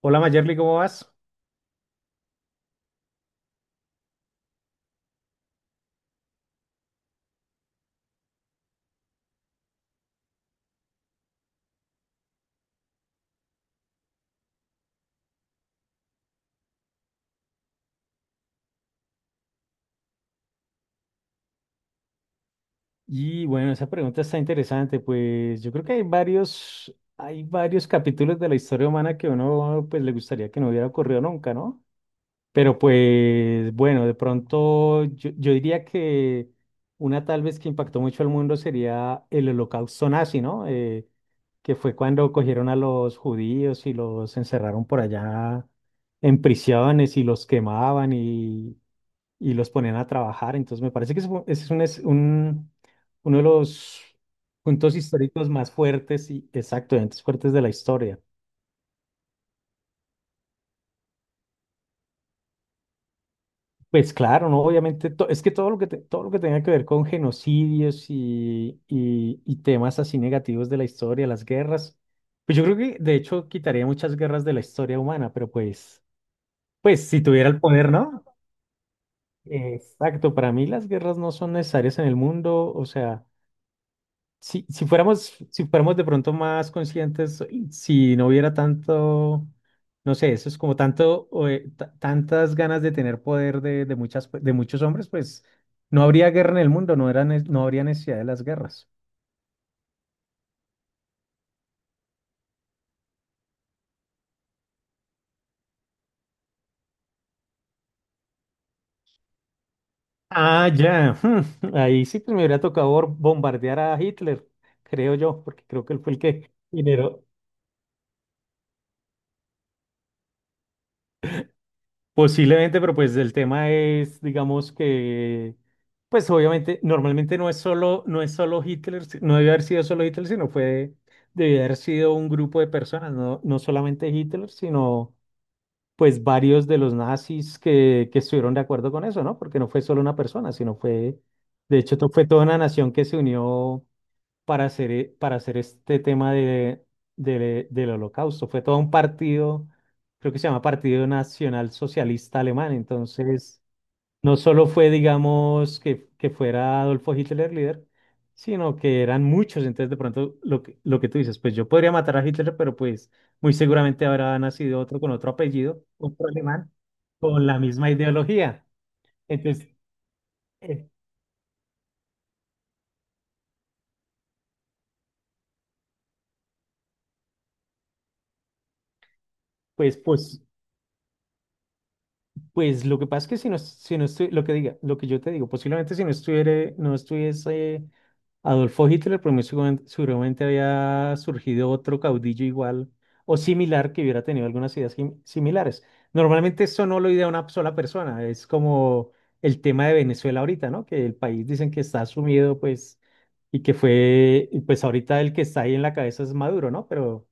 Hola Mayerly, ¿cómo vas? Y bueno, esa pregunta está interesante, pues yo creo que hay varios capítulos de la historia humana que uno pues le gustaría que no hubiera ocurrido nunca, ¿no? Pero pues bueno, de pronto yo diría que una tal vez que impactó mucho al mundo sería el holocausto nazi, ¿no? Que fue cuando cogieron a los judíos y los encerraron por allá en prisiones y los quemaban y los ponían a trabajar. Entonces me parece que ese es, uno de los puntos históricos más fuertes y exactamente fuertes de la historia. Pues claro, ¿no? Obviamente, es que todo lo que, todo lo que tenga que ver con genocidios y temas así negativos de la historia, las guerras, pues yo creo que de hecho quitaría muchas guerras de la historia humana, pues si tuviera el poder, ¿no? Exacto, para mí las guerras no son necesarias en el mundo, o sea... si fuéramos de pronto más conscientes, y si no hubiera tanto, no sé, eso es como tanto, tantas ganas de tener poder de muchas, pues, de muchos hombres, pues no habría guerra en el mundo, no habría necesidad de las guerras. Ah, ya. Ahí sí pues me hubiera tocado bombardear a Hitler, creo yo, porque creo que él fue el que generó. Posiblemente, pero pues el tema es, digamos que, pues obviamente, normalmente no es solo Hitler, no debe haber sido solo Hitler, sino fue, debe haber sido un grupo de personas, no, no solamente Hitler, sino pues varios de los nazis que estuvieron de acuerdo con eso, ¿no? Porque no fue solo una persona, sino fue, de hecho, fue toda una nación que se unió para hacer este tema de, del holocausto. Fue todo un partido, creo que se llama Partido Nacional Socialista Alemán. Entonces, no solo fue, digamos, que fuera Adolfo Hitler líder, sino que eran muchos. Entonces, de pronto, lo que tú dices, pues yo podría matar a Hitler, pero pues muy seguramente habrá nacido otro con otro apellido, otro alemán, con la misma ideología. Entonces, eh, pues, pues Pues lo que pasa es que si no lo que diga, lo que yo te digo, posiblemente si no estuviera, no estuviese Adolfo Hitler, pero seguramente había surgido otro caudillo igual o similar que hubiera tenido algunas ideas similares. Normalmente eso no lo idea una sola persona, es como el tema de Venezuela ahorita, ¿no? Que el país dicen que está sumido, pues, y que fue, y pues ahorita el que está ahí en la cabeza es Maduro, ¿no?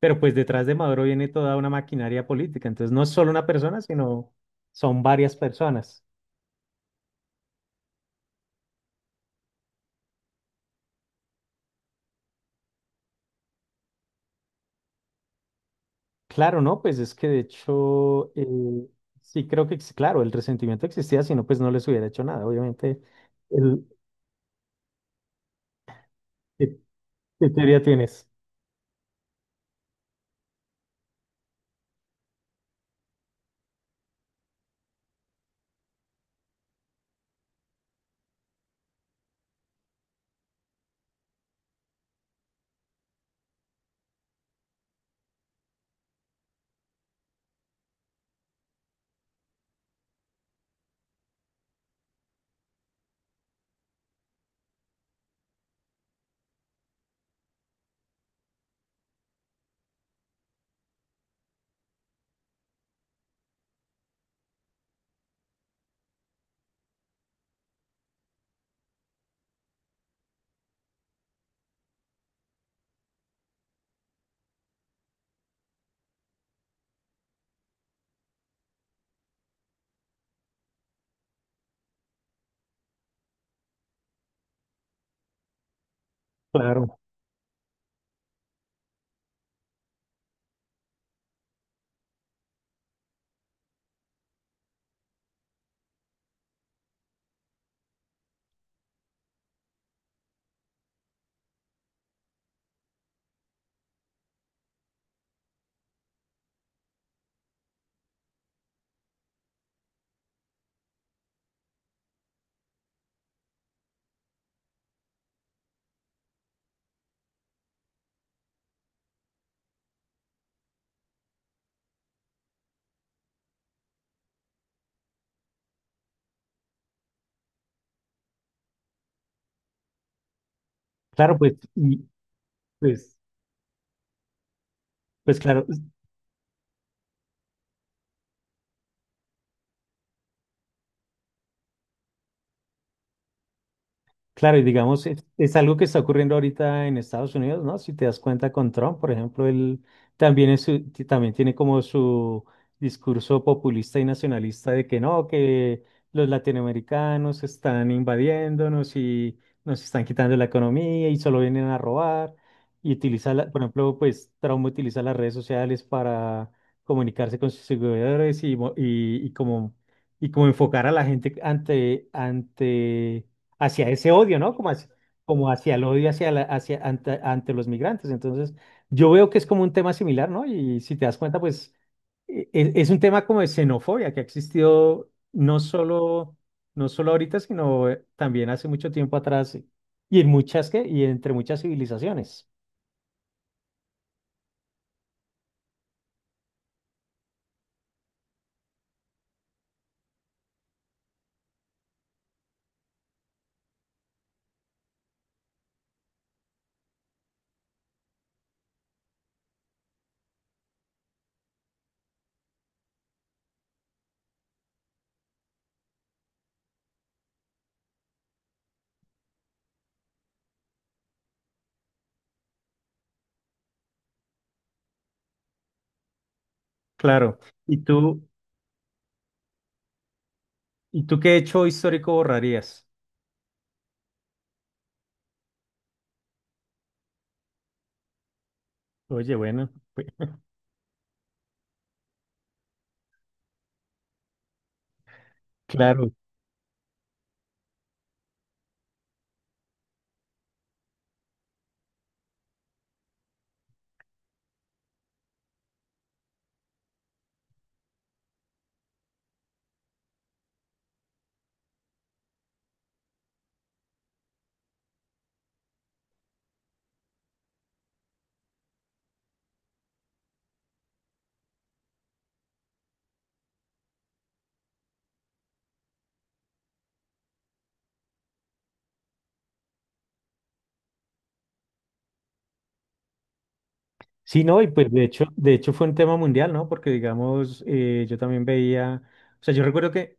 Pero pues detrás de Maduro viene toda una maquinaria política, entonces no es solo una persona, sino son varias personas. Claro, ¿no? Pues es que de hecho, sí creo que, claro, el resentimiento existía, si no, pues no les hubiera hecho nada, obviamente. El, ¿Qué, qué teoría tienes? Claro, claro, pues, y pues, pues claro. Claro, y digamos, es algo que está ocurriendo ahorita en Estados Unidos, ¿no? Si te das cuenta con Trump, por ejemplo, él también, también tiene como su discurso populista y nacionalista de que no, que los latinoamericanos están invadiéndonos y nos están quitando la economía y solo vienen a robar. Y utiliza, por ejemplo, pues Trump utiliza las redes sociales para comunicarse con sus seguidores y como enfocar a la gente ante hacia ese odio, ¿no? Como hacia el odio hacia, hacia ante los migrantes. Entonces, yo veo que es como un tema similar, ¿no? Y si te das cuenta, pues es un tema como de xenofobia que ha existido no solo ahorita, sino también hace mucho tiempo atrás y en muchas civilizaciones. Claro. ¿Y tú, ¿y tú qué hecho histórico borrarías? Oye, bueno, pues, claro. Sí, no, y pues de hecho fue un tema mundial, ¿no? Porque digamos, yo también veía, o sea, yo recuerdo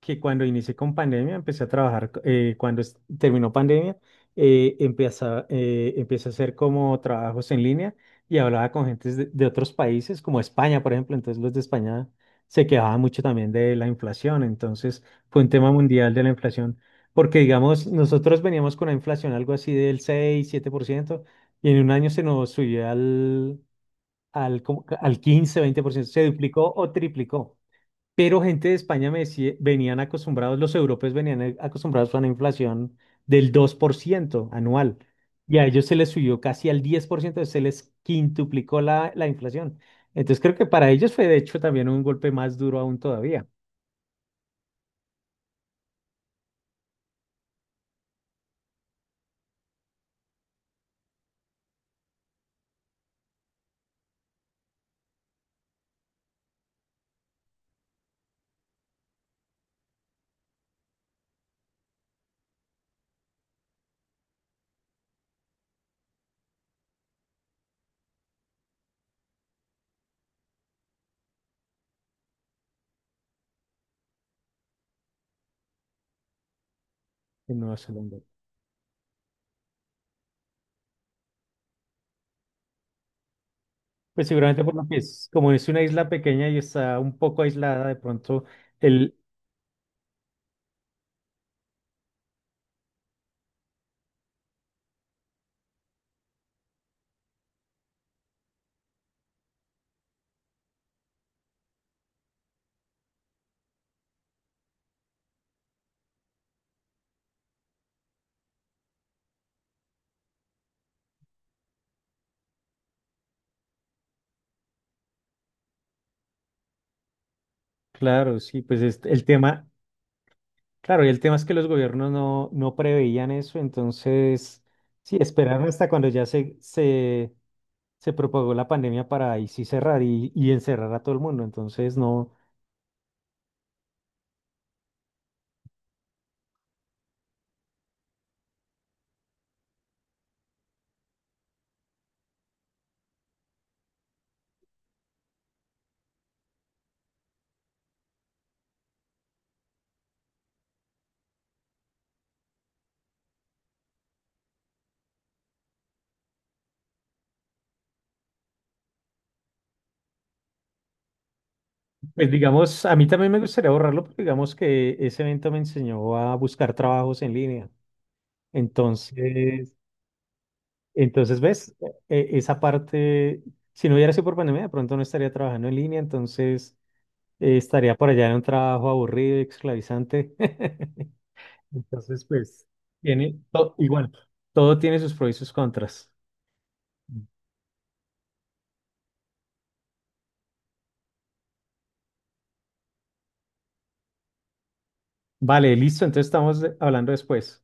que cuando inicié con pandemia, empecé a trabajar, cuando terminó pandemia, empecé, empecé a hacer como trabajos en línea y hablaba con gentes de otros países, como España, por ejemplo, entonces los de España se quejaban mucho también de la inflación, entonces fue un tema mundial de la inflación, porque digamos, nosotros veníamos con una inflación algo así del 6 7%, y en un año se nos subió al, como que al 15, 20%, se duplicó o triplicó. Pero gente de España me decía, venían acostumbrados, los europeos venían acostumbrados a una inflación del 2% anual, y a ellos se les subió casi al 10%, se les quintuplicó la inflación. Entonces creo que para ellos fue de hecho también un golpe más duro aún todavía en Nueva Zelanda. Pues seguramente por lo que es, como es una isla pequeña y está un poco aislada, de pronto el, claro, sí, pues es- el tema Claro, y el tema es que los gobiernos no, no preveían eso, entonces sí, esperaron hasta cuando ya se propagó la pandemia para ahí sí cerrar y encerrar a todo el mundo. Entonces, no, pues digamos, a mí también me gustaría borrarlo, porque digamos que ese evento me enseñó a buscar trabajos en línea. Entonces, entonces ves, esa parte, si no hubiera sido por pandemia, de pronto no estaría trabajando en línea, entonces estaría por allá en un trabajo aburrido y esclavizante. Entonces, pues, tiene todo, igual, todo tiene sus pros y sus contras. Vale, listo, entonces estamos hablando después.